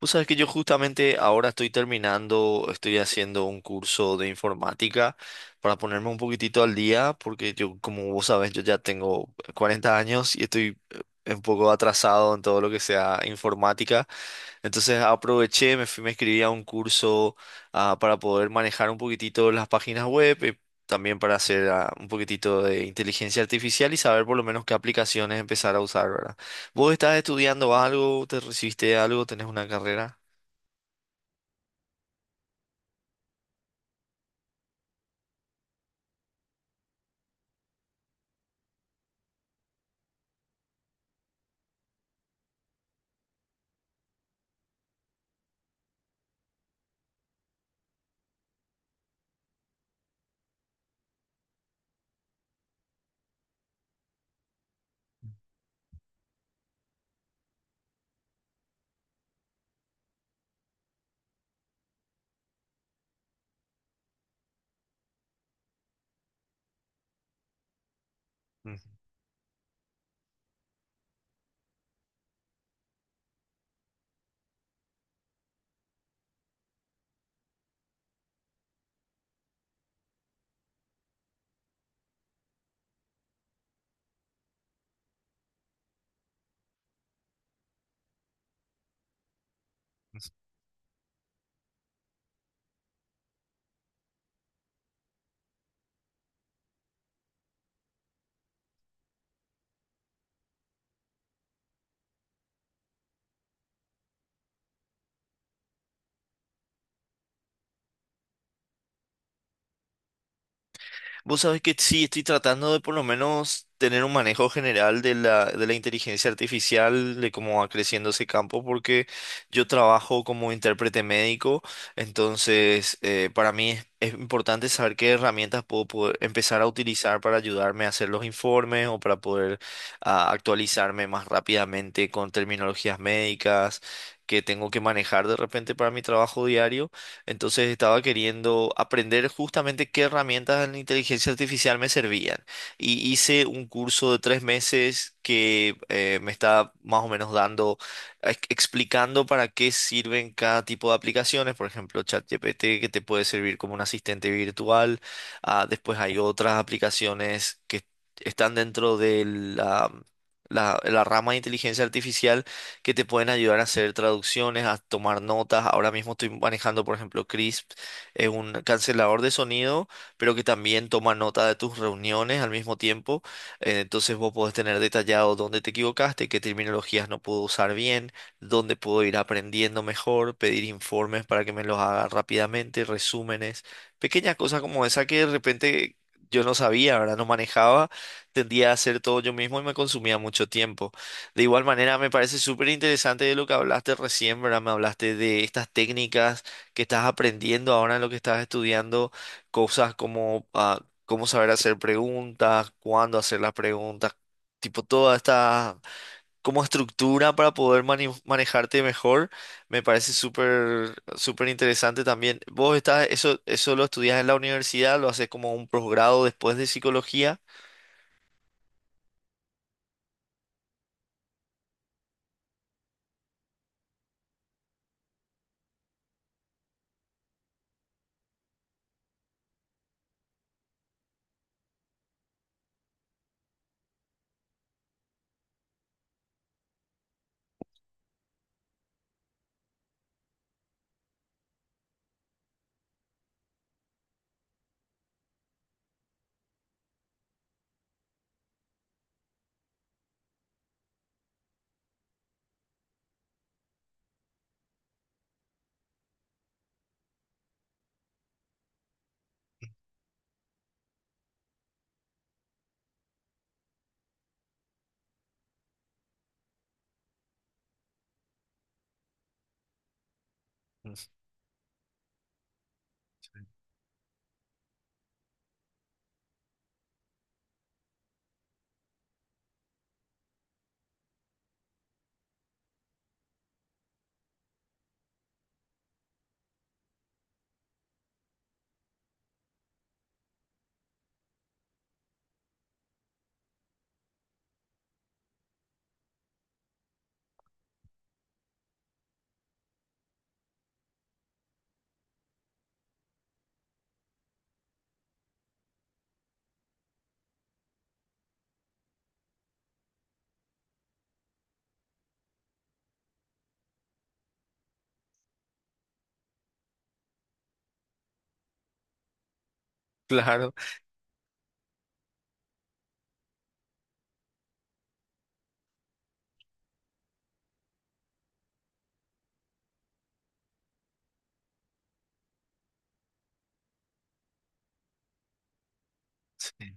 Vos sabés que yo justamente ahora estoy terminando, estoy haciendo un curso de informática para ponerme un poquitito al día, porque yo, como vos sabés, yo ya tengo 40 años y estoy un poco atrasado en todo lo que sea informática. Entonces aproveché, me fui, me inscribí a un curso para poder manejar un poquitito las páginas web. Y también para hacer un poquitito de inteligencia artificial y saber por lo menos qué aplicaciones empezar a usar, ¿verdad? ¿Vos estás estudiando algo? ¿Te recibiste de algo? ¿Tenés una carrera? Mm. Vos sabés que sí, estoy tratando de por lo menos tener un manejo general de la inteligencia artificial, de cómo va creciendo ese campo, porque yo trabajo como intérprete médico, entonces para mí es importante saber qué herramientas puedo poder empezar a utilizar para ayudarme a hacer los informes o para poder actualizarme más rápidamente con terminologías médicas que tengo que manejar de repente para mi trabajo diario. Entonces estaba queriendo aprender justamente qué herramientas de la inteligencia artificial me servían. Y hice un curso de 3 meses que me está más o menos dando, explicando para qué sirven cada tipo de aplicaciones. Por ejemplo, ChatGPT, que te puede servir como un asistente virtual. Ah, después hay otras aplicaciones que están dentro la rama de inteligencia artificial que te pueden ayudar a hacer traducciones, a tomar notas. Ahora mismo estoy manejando, por ejemplo, Crisp, es un cancelador de sonido, pero que también toma nota de tus reuniones al mismo tiempo. Entonces vos podés tener detallado dónde te equivocaste, qué terminologías no puedo usar bien, dónde puedo ir aprendiendo mejor, pedir informes para que me los haga rápidamente, resúmenes, pequeñas cosas como esa que de repente... Yo no sabía, ¿verdad? No manejaba, tendía a hacer todo yo mismo y me consumía mucho tiempo. De igual manera, me parece súper interesante de lo que hablaste recién, ¿verdad? Me hablaste de estas técnicas que estás aprendiendo ahora en lo que estás estudiando, cosas como cómo saber hacer preguntas, cuándo hacer las preguntas, tipo toda esta como estructura para poder manejarte mejor. Me parece súper, súper interesante también. Vos estás, eso lo estudias en la universidad, lo haces como un posgrado después de psicología. Claro. Sí.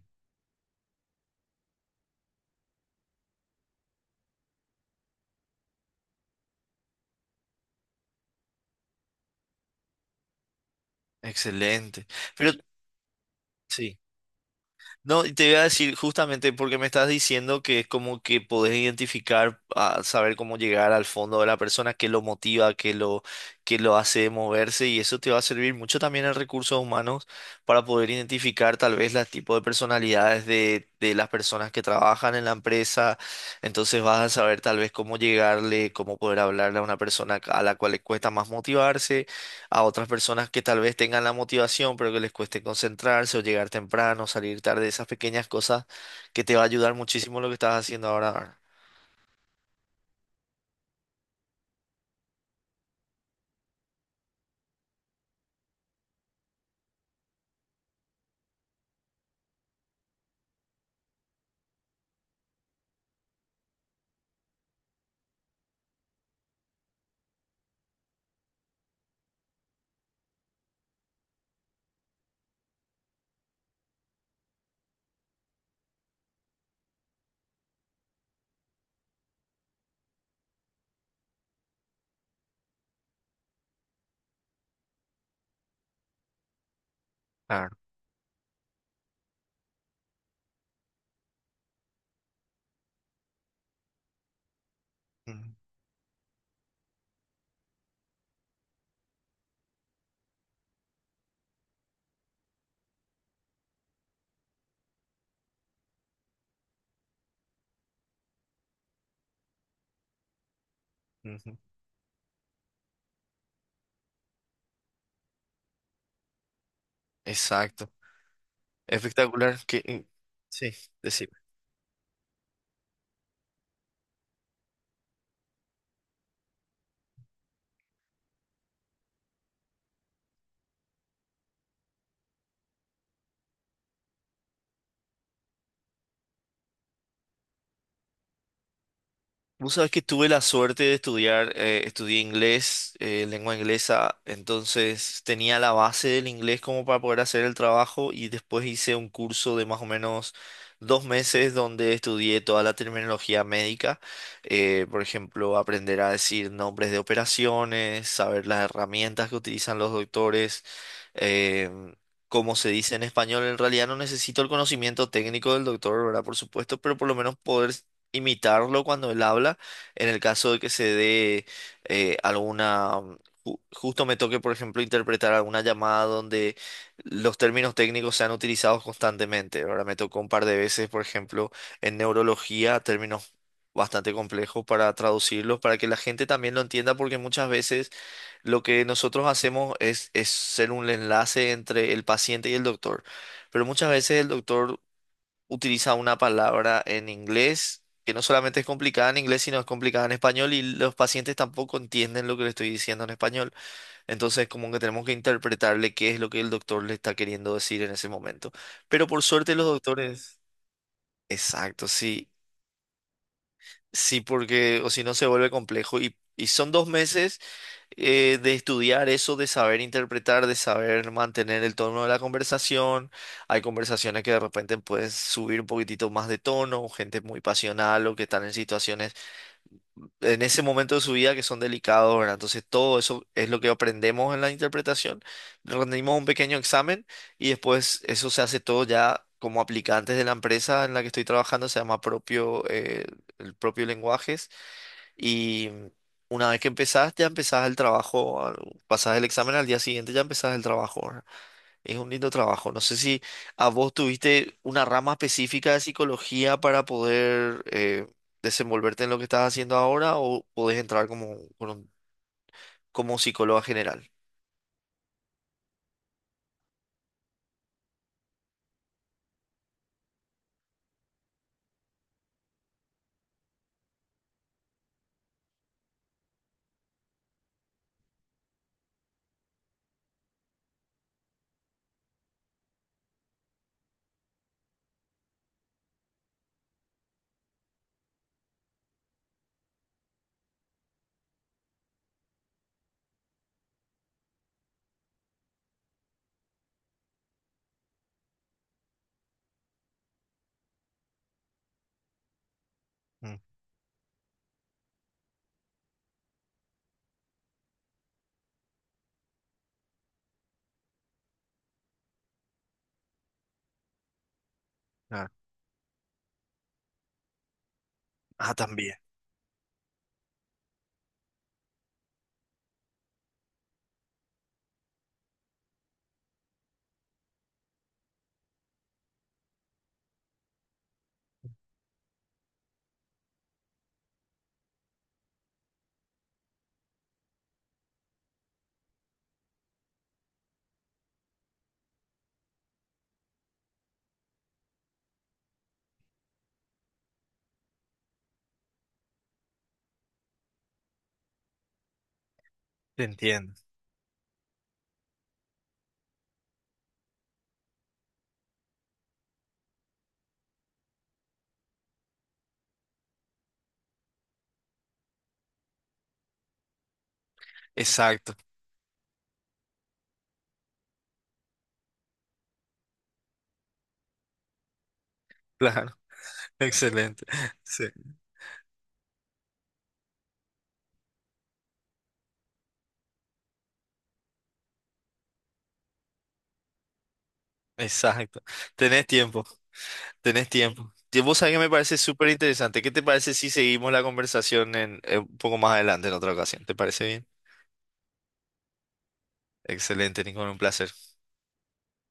Excelente. Pero sí. No, y te iba a decir justamente porque me estás diciendo que es como que podés identificar, ah, saber cómo llegar al fondo de la persona, qué lo motiva, qué lo hace moverse y eso te va a servir mucho también en recursos humanos para poder identificar tal vez los tipos de personalidades de las personas que trabajan en la empresa. Entonces vas a saber tal vez cómo llegarle, cómo poder hablarle a una persona a la cual le cuesta más motivarse a otras personas que tal vez tengan la motivación, pero que les cueste concentrarse o llegar temprano, salir tarde, esas pequeñas cosas que te va a ayudar muchísimo lo que estás haciendo ahora. Claro. Ujú, ujú. Exacto. Espectacular. Que, sí, decime. Vos sabés que tuve la suerte de estudiar, estudié inglés, lengua inglesa, entonces tenía la base del inglés como para poder hacer el trabajo y después hice un curso de más o menos 2 meses donde estudié toda la terminología médica, por ejemplo, aprender a decir nombres de operaciones, saber las herramientas que utilizan los doctores, em, como se dice en español, en realidad no necesito el conocimiento técnico del doctor, ¿verdad? Por supuesto, pero por lo menos poder imitarlo cuando él habla, en el caso de que se dé alguna, justo me toque, por ejemplo, interpretar alguna llamada donde los términos técnicos sean utilizados constantemente. Ahora me tocó un par de veces, por ejemplo, en neurología, términos bastante complejos para traducirlos, para que la gente también lo entienda, porque muchas veces lo que nosotros hacemos es ser un enlace entre el paciente y el doctor. Pero muchas veces el doctor utiliza una palabra en inglés que no solamente es complicada en inglés, sino es complicada en español y los pacientes tampoco entienden lo que le estoy diciendo en español. Entonces, como que tenemos que interpretarle qué es lo que el doctor le está queriendo decir en ese momento. Pero por suerte los doctores... Exacto, sí. Sí, porque o si no se vuelve complejo. Y son 2 meses de estudiar eso, de saber interpretar, de saber mantener el tono de la conversación. Hay conversaciones que de repente puedes subir un poquitito más de tono, gente muy pasional o que están en situaciones en ese momento de su vida que son delicados, ¿verdad? Entonces todo eso es lo que aprendemos en la interpretación. Rendimos un pequeño examen y después eso se hace todo ya. Como aplicantes de la empresa en la que estoy trabajando, se llama propio, el propio lenguaje y una vez que empezás, ya empezás el trabajo, pasás el examen al día siguiente, ya empezás el trabajo. ¿Verdad? Es un lindo trabajo. No sé si a vos tuviste una rama específica de psicología para poder desenvolverte en lo que estás haciendo ahora o podés entrar como, como psicóloga general. Mm. Ah, ah, también, te entiendo. Exacto, claro, excelente. Sí, exacto. Tenés tiempo. Tenés tiempo. Y vos sabés que me parece súper interesante. ¿Qué te parece si seguimos la conversación en, un poco más adelante en otra ocasión? ¿Te parece bien? Excelente, Nico, un placer.